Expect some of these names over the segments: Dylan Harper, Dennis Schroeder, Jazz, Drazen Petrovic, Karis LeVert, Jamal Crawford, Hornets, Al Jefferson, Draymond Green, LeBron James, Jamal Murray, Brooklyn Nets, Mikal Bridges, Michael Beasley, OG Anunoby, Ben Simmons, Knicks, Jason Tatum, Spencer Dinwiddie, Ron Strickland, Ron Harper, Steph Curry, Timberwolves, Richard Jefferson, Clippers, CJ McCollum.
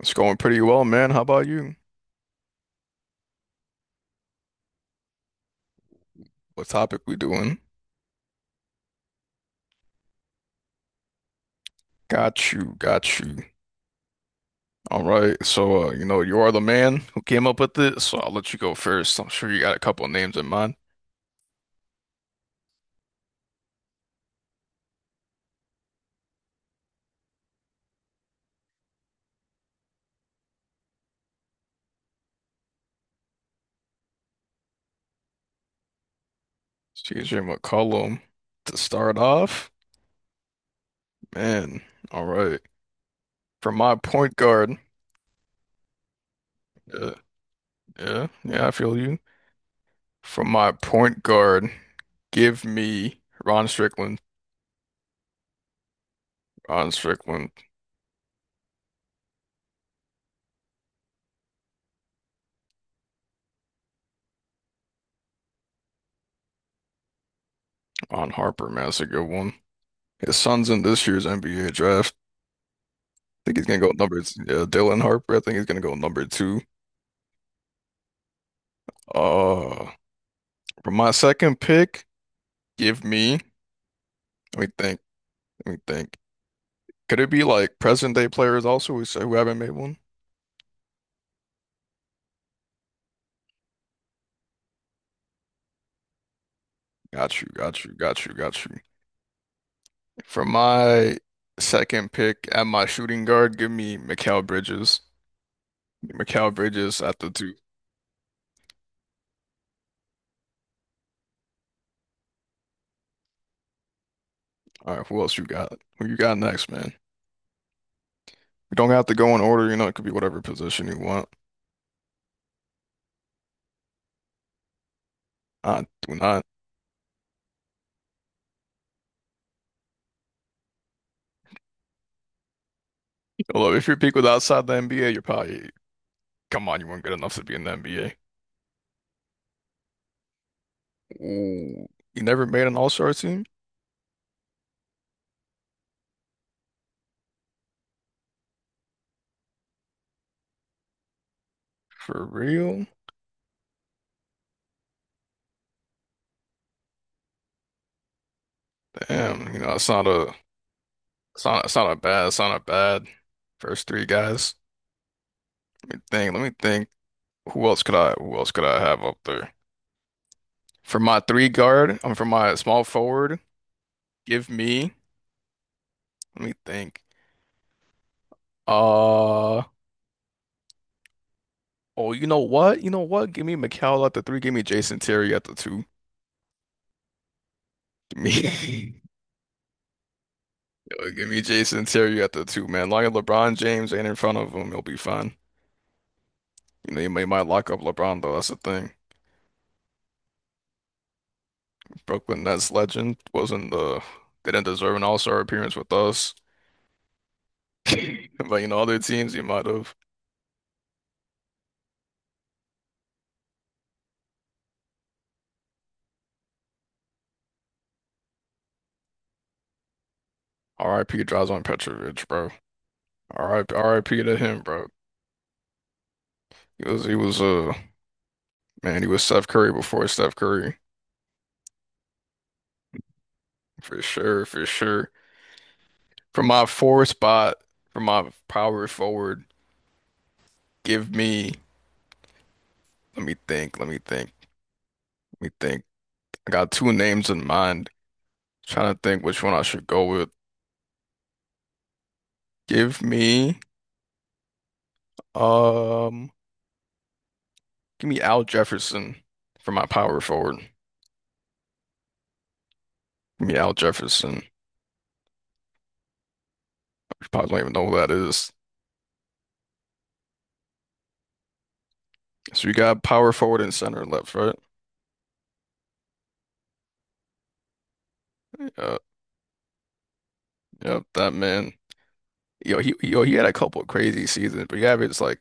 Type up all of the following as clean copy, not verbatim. It's going pretty well, man. How about you? What topic we doing? Got you, got you. All right. So, you are the man who came up with this, so I'll let you go first. I'm sure you got a couple names in mind. CJ McCollum to start off, man. All right. For my point guard. Yeah, yeah, yeah, I feel you. For my point guard, give me Ron Strickland, Ron Strickland. Ron Harper, man. That's a good one. His son's in this year's NBA draft. Think he's gonna go Dylan Harper. I think he's gonna go number two. Uh, for my second pick, give me. Let me think. Let me think. Could it be like present day players also who haven't made one? Got you. Got you. Got you. Got you. For my second pick at my shooting guard, give me Mikal Bridges. Mikal Bridges at the two. All right. Who else you got? Who you got next, man? We don't have to go in order. It could be whatever position you want. I do not. Although if your pick was outside the NBA, you're probably. Come on, you weren't good enough to be in the NBA. Ooh, you never made an All-Star team? For real? Damn, it's not a bad first three guys. Let me think, let me think. Who else could I have up there? For my small forward, give me, let me think. Uh oh, you know what? You know what? Give me McCall at the three, give me Jason Terry at the two. Give me. Yo, give me Jason Terry at the two, man. Long as LeBron James ain't in front of him, he'll be fine. They might lock up LeBron though. That's the thing. Brooklyn Nets legend wasn't the they didn't deserve an All-Star appearance with us. But other teams you might have. R.I.P. Drazen Petrovic, bro. R.I.P. to him, bro. He was Man, he was Steph Curry before Steph Curry. For sure, for sure. For my four spot, for my power forward, give me. Let me think, let me think, let me think. I got two names in mind. Trying to think which one I should go with. Give me. Um, Give me Al Jefferson for my power forward. Give me Al Jefferson. You probably don't even know who that is. So you got power forward and center and left, right? Yeah, yep, that man. Yo, he had a couple of crazy seasons, but he averaged like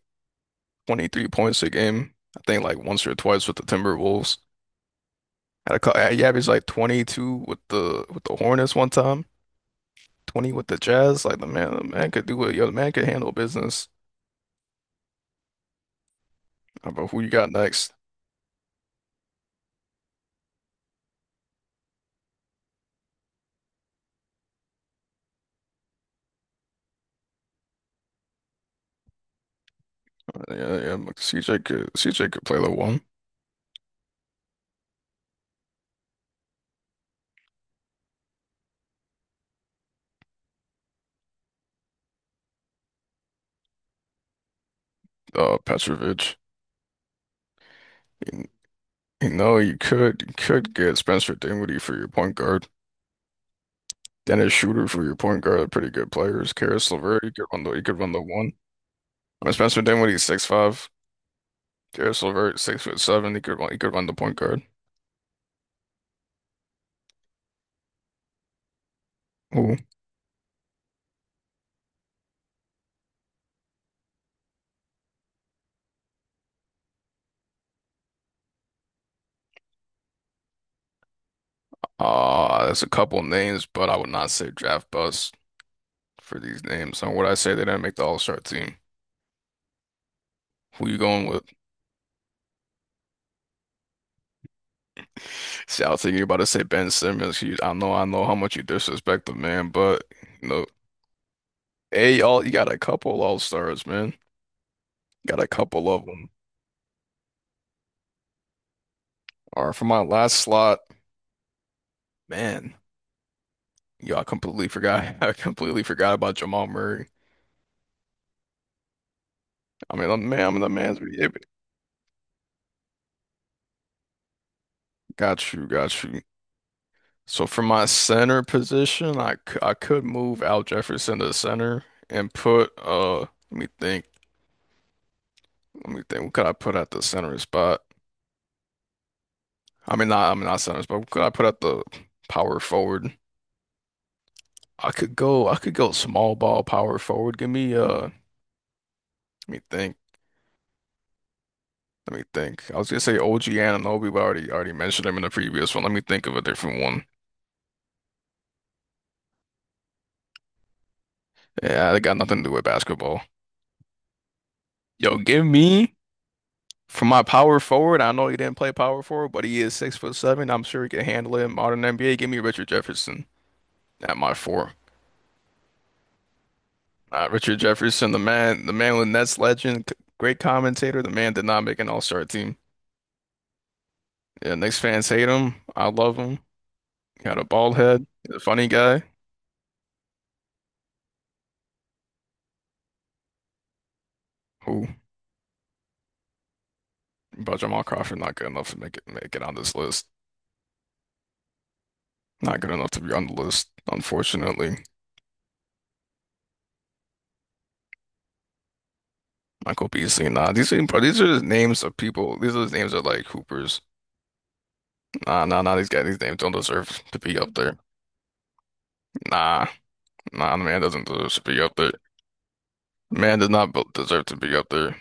23 points a game. I think like once or twice with the Timberwolves. Had a couple, he averaged like 22 with the Hornets one time, 20 with the Jazz. Like the man could do it. Yo, the man could handle business. How about who you got next? Yeah, yeah, CJ could play the one. Petrovic. You, you could get Spencer Dinwiddie for your point guard. Dennis Schroeder for your point guard are pretty good players. Karis LeVert, you could run the one. I mean, Spencer Dinwiddie 6'5". Karis LeVert 6'7". He could run the point guard. Ooh. That's a couple names, but I would not say draft bust for these names. And would I say they didn't make the All-Star team? Who you going with? See, I was thinking you're about to say Ben Simmons. I know how much you disrespect the man, but no. Hey, y'all, you got a couple all-stars, man. Got a couple of them. All right, for my last slot, man, yo, I completely forgot. I completely forgot about Jamal Murray. I mean, I man, I'm the man's. Got you, got you. So for my center position, I could move Al Jefferson to center and put let me think, let me think. What could I put at the center spot? I mean, not, I mean, not center spot. What could I put at the power forward? I could go small ball power forward. Give me. Let me think. Let me think. I was gonna say OG Anunoby, but I already mentioned him in the previous one. Let me think of a different one. Yeah, they got nothing to do with basketball. Yo, give me for my power forward. I know he didn't play power forward, but he is 6'7". I'm sure he can handle it in modern NBA. Give me Richard Jefferson at my four. Richard Jefferson, the man with Nets legend, great commentator. The man did not make an All-Star team. Yeah, Knicks fans hate him. I love him. He had a bald head. He's a funny guy. Who? But Jamal Crawford not good enough to make it on this list. Not good enough to be on the list, unfortunately. Michael Beasley, nah. These are the names of people. These are the names of like Hoopers. Nah, nah, nah. These guys, these names don't deserve to be up there. Nah, nah. The man doesn't deserve to be up there. Man does not deserve to be up there.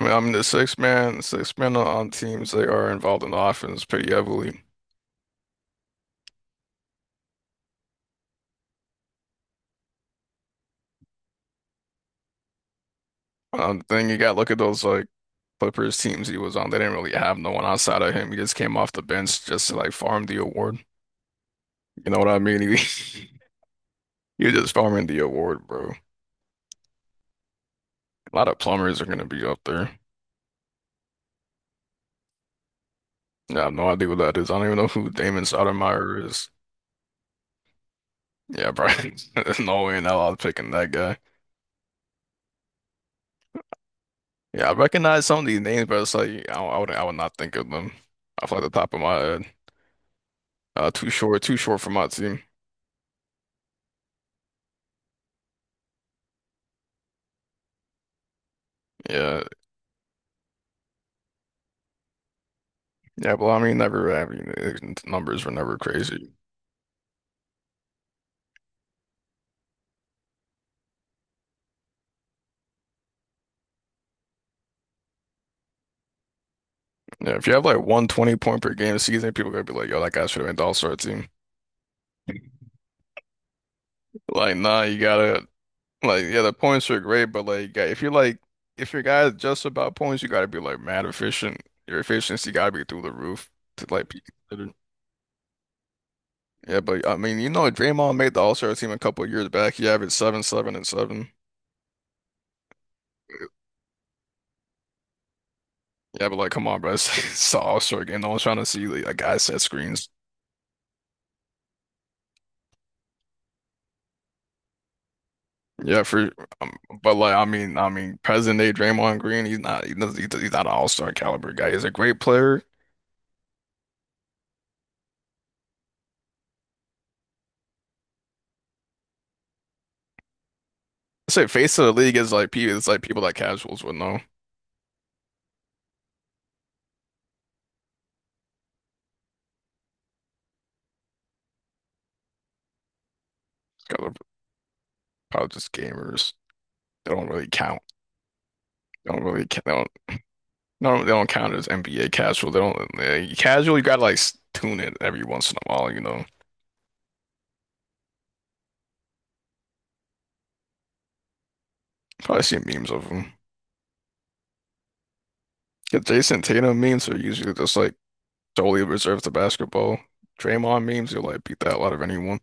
I mean, I'm the six man. Six man on teams they are involved in the offense pretty heavily. Then you got look at those like Clippers teams he was on. They didn't really have no one outside of him. He just came off the bench just to like farm the award. You know what I mean? You're just farming the award, bro. A lot of plumbers are gonna be up there. Yeah, I have no idea what that is. I don't even know who Damon Stoudemire is. Yeah, probably. There's no way in hell I was picking that guy. Yeah, I recognize some of these names, but it's like I would not think of them off like the top of my head. Too short, too short for my team. Yeah, yeah. Well, I mean, never. I mean, numbers were never crazy. Yeah, if you have like 120-point per game season, people are gonna be like, "Yo, that guy should have been the All-Star team." Like, nah, you gotta. Like, yeah, the points are great, but like, yeah, if you're like, if your guy is just about points, you got to be like mad efficient. Your efficiency got to be through the roof to like be considered. Yeah, but I mean, Draymond made the All-Star team a couple of years back. He averaged seven, seven, and seven. Yeah, but like, come on, bro, it's the All-Star game. No one's trying to see like a guy set screens. Yeah, for um, but like, I mean, present day Draymond Green, he's not an All-Star caliber guy. He's a great player. I say face of the league is it's like people that casuals would know. It's kind of probably just gamers. They don't really count. They don't really count. They don't count as NBA casual. They don't casual. You gotta like tune it every once in a while. Probably see memes of them. The Jason Tatum memes are usually just like solely reserved to basketball. Draymond memes, you'll like beat that out of anyone.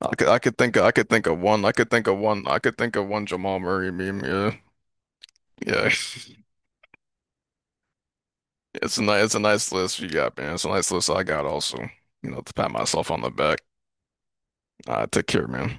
I could think of one. I could think of one. I could think of one Jamal Murray meme. Yeah, yeah. It's a nice list you got, man. It's a nice list I got also. To pat myself on the back. I take care, man.